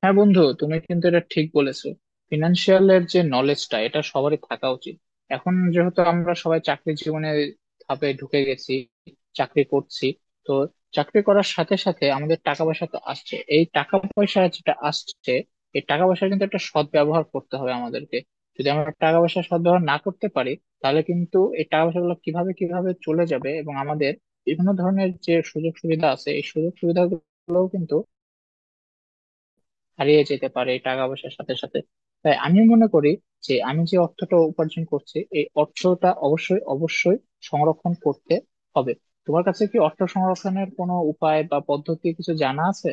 হ্যাঁ বন্ধু, তুমি কিন্তু এটা ঠিক বলেছো। ফিনান্সিয়াল এর যে নলেজটা, এটা সবারই থাকা উচিত। এখন যেহেতু আমরা সবাই চাকরি জীবনে ধাপে ঢুকে গেছি, চাকরি করছি, তো চাকরি করার সাথে সাথে আমাদের টাকা পয়সা তো আসছে। এই টাকা পয়সা যেটা আসছে, এই টাকা পয়সা কিন্তু একটা সৎ ব্যবহার করতে হবে আমাদেরকে। যদি আমরা টাকা পয়সা সৎ ব্যবহার না করতে পারি, তাহলে কিন্তু এই টাকা পয়সাগুলো কিভাবে কিভাবে চলে যাবে, এবং আমাদের বিভিন্ন ধরনের যে সুযোগ সুবিধা আছে, এই সুযোগ সুবিধাগুলোও কিন্তু হারিয়ে যেতে পারে এই টাকা পয়সার সাথে সাথে। তাই আমি মনে করি যে, আমি যে অর্থটা উপার্জন করছি, এই অর্থটা অবশ্যই অবশ্যই সংরক্ষণ করতে হবে। তোমার কাছে কি অর্থ সংরক্ষণের কোনো উপায় বা পদ্ধতি কিছু জানা আছে?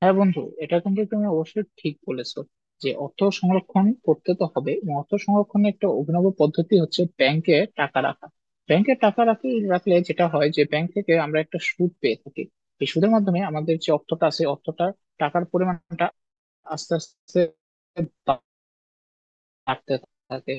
হ্যাঁ বন্ধু, এটা কিন্তু তুমি অবশ্যই ঠিক বলেছো যে অর্থ সংরক্ষণ করতে তো হবে, এবং অর্থ সংরক্ষণের একটা অভিনব পদ্ধতি হচ্ছে ব্যাংকে টাকা রাখা। ব্যাংকে টাকা রাখলে যেটা হয় যে, ব্যাংক থেকে আমরা একটা সুদ পেয়ে থাকি। এই সুদের মাধ্যমে আমাদের যে অর্থটা আছে, অর্থটা, টাকার পরিমাণটা আস্তে আস্তে হাঁটতে থাকে।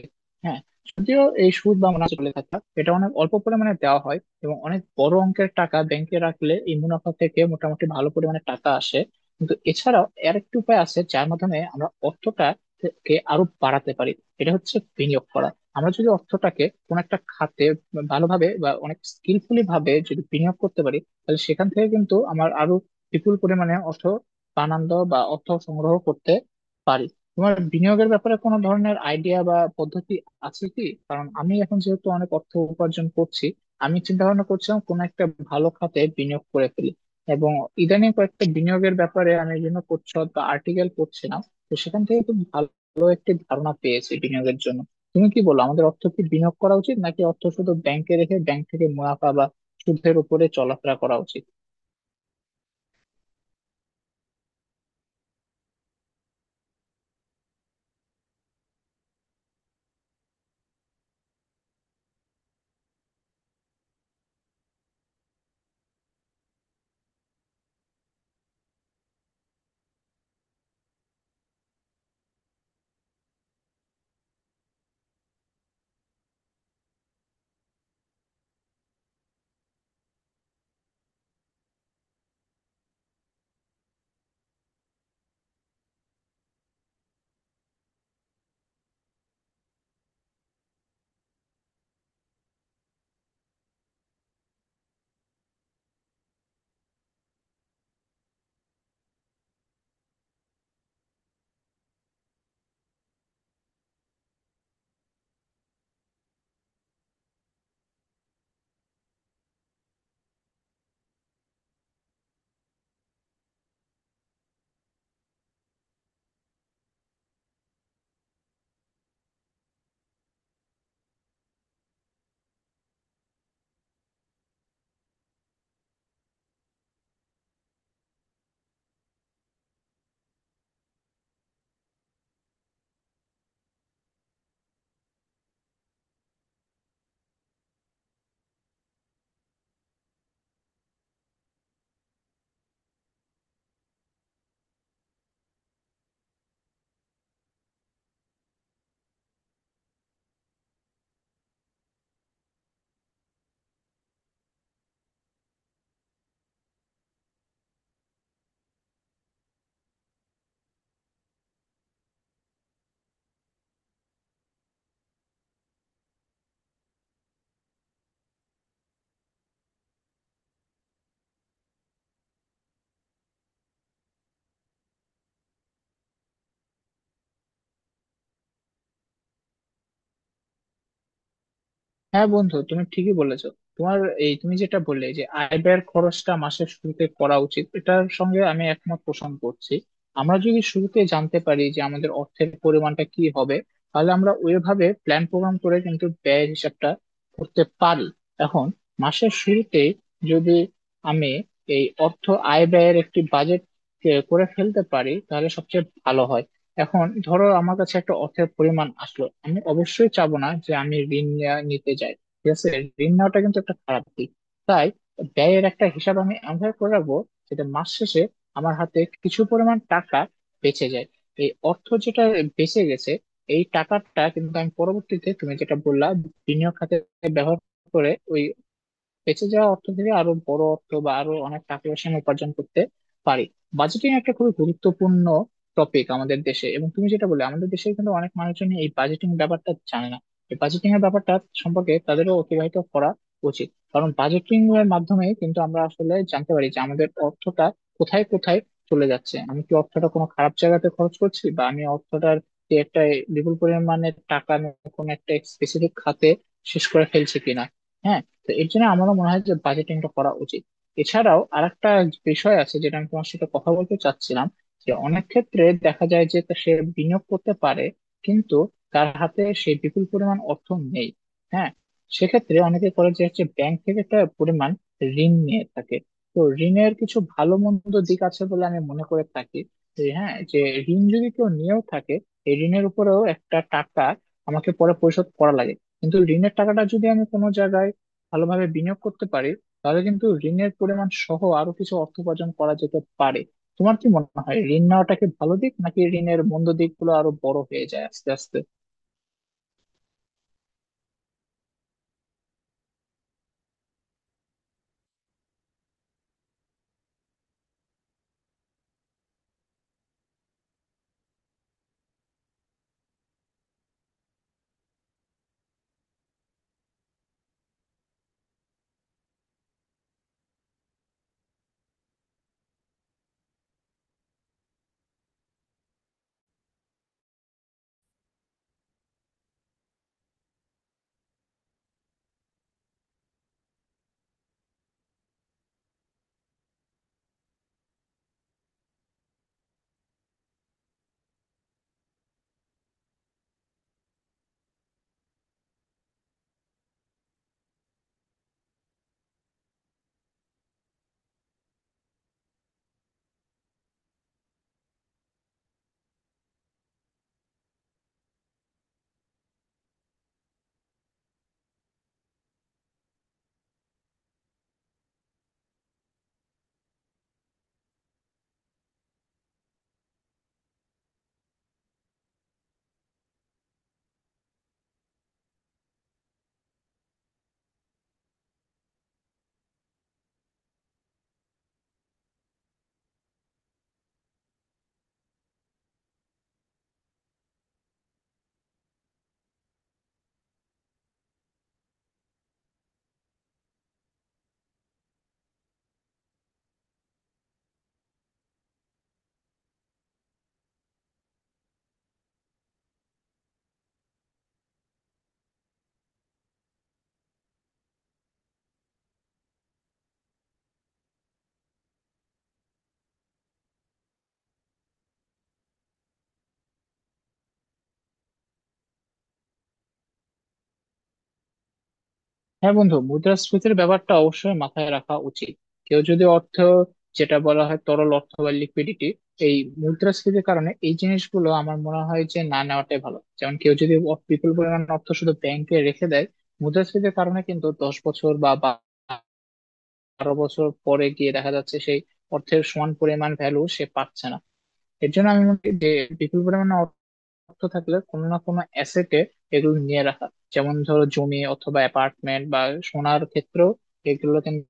হ্যাঁ, যদিও এই সুদ বা মুনাফা চলে থাকা, এটা অনেক অল্প পরিমাণে দেওয়া হয়, এবং অনেক বড় অঙ্কের টাকা ব্যাংকে রাখলে এই মুনাফা থেকে মোটামুটি ভালো পরিমাণে টাকা আসে। কিন্তু এছাড়াও আর একটি উপায় আছে যার মাধ্যমে আমরা অর্থটা কে আরো বাড়াতে পারি। এটা হচ্ছে বিনিয়োগ করা। আমরা যদি অর্থটাকে কোন একটা খাতে ভালোভাবে বা অনেক স্কিলফুলি ভাবে যদি বিনিয়োগ করতে পারি, তাহলে সেখান থেকে কিন্তু আমার আরো বিপুল পরিমাণে অর্থ বানানো বা অর্থ সংগ্রহ করতে পারি। তোমার বিনিয়োগের ব্যাপারে কোনো ধরনের আইডিয়া বা পদ্ধতি আছে কি? কারণ আমি এখন যেহেতু অনেক অর্থ উপার্জন করছি, আমি চিন্তা ভাবনা করছিলাম কোনো একটা ভালো খাতে বিনিয়োগ করে ফেলি। এবং ইদানিং কয়েকটা বিনিয়োগের ব্যাপারে আমি বিভিন্ন প্রচ্ছদ বা আর্টিকেল পড়ছিলাম, তো সেখান থেকে খুব ভালো একটি ধারণা পেয়েছি বিনিয়োগের জন্য। তুমি কি বলো, আমাদের অর্থ কি বিনিয়োগ করা উচিত, নাকি অর্থ শুধু ব্যাংকে রেখে ব্যাংক থেকে মুনাফা বা সুদের উপরে চলাফেরা করা উচিত? হ্যাঁ বন্ধু, তুমি ঠিকই বলেছো। তোমার এই তুমি যেটা বললে যে আয় ব্যয়ের খরচটা মাসের শুরুতে করা উচিত, এটার সঙ্গে আমি একমত পোষণ করছি। আমরা যদি শুরুতে জানতে পারি যে আমাদের অর্থের পরিমাণটা কি হবে, তাহলে আমরা ওইভাবে প্ল্যান প্রোগ্রাম করে কিন্তু ব্যয়ের হিসাবটা করতে পারি। এখন মাসের শুরুতে যদি আমি এই অর্থ আয় ব্যয়ের একটি বাজেট করে ফেলতে পারি, তাহলে সবচেয়ে ভালো হয়। এখন ধরো আমার কাছে একটা অর্থের পরিমাণ আসলো, আমি অবশ্যই চাবো না যে আমি নিতে যাই। ঠিক আছে, ঋণ নেওয়াটা কিন্তু একটা খারাপ দিক। তাই ব্যয়ের একটা হিসাব আমি এমনভাবে করে রাখবো যেটা মাস শেষে আমার হাতে কিছু পরিমাণ টাকা বেঁচে যায়। এই অর্থ যেটা বেঁচে গেছে, এই টাকাটা কিন্তু আমি পরবর্তীতে, তুমি যেটা বললা, বিনিয়োগ খাতে ব্যবহার করে ওই বেঁচে যাওয়া অর্থ থেকে আরো বড় অর্থ বা আরো অনেক টাকা পয়সা আমি উপার্জন করতে পারি। বাজেটিং একটা খুবই গুরুত্বপূর্ণ টপিক আমাদের দেশে, এবং তুমি যেটা বলে, আমাদের দেশে কিন্তু অনেক মানুষজন এই বাজেটিং ব্যাপারটা জানে না। এই বাজেটিং এর ব্যাপারটা সম্পর্কে তাদেরও অতিবাহিত করা উচিত, কারণ বাজেটিং এর মাধ্যমে কিন্তু আমরা আসলে জানতে পারি যে আমাদের অর্থটা কোথায় কোথায় চলে যাচ্ছে, আমি কি অর্থটা কোনো খারাপ জায়গাতে খরচ করছি, বা আমি অর্থটার যে একটা বিপুল পরিমাণে টাকা আমি কোনো একটা স্পেসিফিক খাতে শেষ করে ফেলছি কিনা। হ্যাঁ, তো এর জন্য আমারও মনে হয় যে বাজেটিংটা করা উচিত। এছাড়াও আরেকটা বিষয় আছে যেটা আমি তোমার সাথে কথা বলতে চাচ্ছিলাম, যে অনেক ক্ষেত্রে দেখা যায় যে তা সে বিনিয়োগ করতে পারে, কিন্তু তার হাতে সেই বিপুল পরিমাণ অর্থ নেই। হ্যাঁ, সেক্ষেত্রে অনেকে করে যে হচ্ছে ব্যাংক থেকে একটা পরিমাণ ঋণ নিয়ে থাকে। তো ঋণের কিছু ভালো মন্দ দিক আছে বলে আমি মনে করে থাকি। যে হ্যাঁ, যে ঋণ যদি কেউ নিয়েও থাকে, এই ঋণের উপরেও একটা টাকা আমাকে পরে পরিশোধ করা লাগে। কিন্তু ঋণের টাকাটা যদি আমি কোনো জায়গায় ভালোভাবে বিনিয়োগ করতে পারি, তাহলে কিন্তু ঋণের পরিমাণ সহ আরো কিছু অর্থ উপার্জন করা যেতে পারে। তোমার কি মনে হয়, ঋণ নেওয়াটা কি ভালো দিক, নাকি ঋণের মন্দ দিকগুলো আরো বড় হয়ে যায় আস্তে আস্তে? হ্যাঁ বন্ধু, মুদ্রাস্ফীতির ব্যাপারটা অবশ্যই মাথায় রাখা উচিত। কেউ যদি অর্থ, যেটা বলা হয় তরল অর্থ বা লিকুইডিটি, এই মুদ্রাস্ফীতির কারণে এই জিনিসগুলো আমার মনে হয় যে না নেওয়াটাই ভালো। যেমন কেউ যদি বিপুল পরিমাণ অর্থ শুধু ব্যাংকে রেখে দেয়, মুদ্রাস্ফীতির কারণে কিন্তু 10 বছর বা বা- 12 বছর পরে গিয়ে দেখা যাচ্ছে সেই অর্থের সমান পরিমাণ ভ্যালু সে পাচ্ছে না। এর জন্য আমি মনে করি যে বিপুল পরিমাণে অর্থ থাকলে কোনো না কোনো অ্যাসেটে এগুলো নিয়ে রাখা, যেমন ধরো জমি অথবা অ্যাপার্টমেন্ট বা সোনার ক্ষেত্রেও এগুলো কিন্তু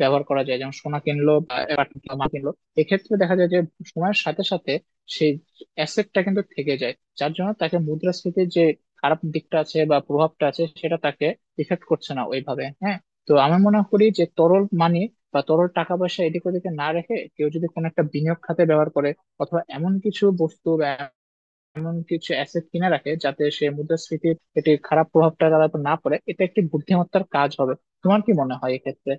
ব্যবহার করা যায়। যেমন সোনা কিনলো বা apartment কিনলো, মাল কিনলো, এক্ষেত্রে দেখা যায় যে সময়ের সাথে সাথে সেই অ্যাসেটটা কিন্তু থেকে যায়, যার জন্য তাকে মুদ্রাস্ফীতির যে খারাপ দিকটা আছে বা প্রভাবটা আছে, সেটা তাকে ইফেক্ট করছে না ওইভাবে। হ্যাঁ, তো আমি মনে করি যে তরল মানি বা তরল টাকা পয়সা এদিক ওদিকে না রেখে কেউ যদি কোনো একটা বিনিয়োগ খাতে ব্যবহার করে, অথবা এমন কিছু বস্তু বা এমন কিছু অ্যাসেট কিনে রাখে যাতে সে মুদ্রাস্ফীতির এটি খারাপ প্রভাবটা তার উপর না পড়ে, এটা একটি বুদ্ধিমত্তার কাজ হবে। তোমার কি মনে হয় এক্ষেত্রে?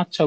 আচ্ছা।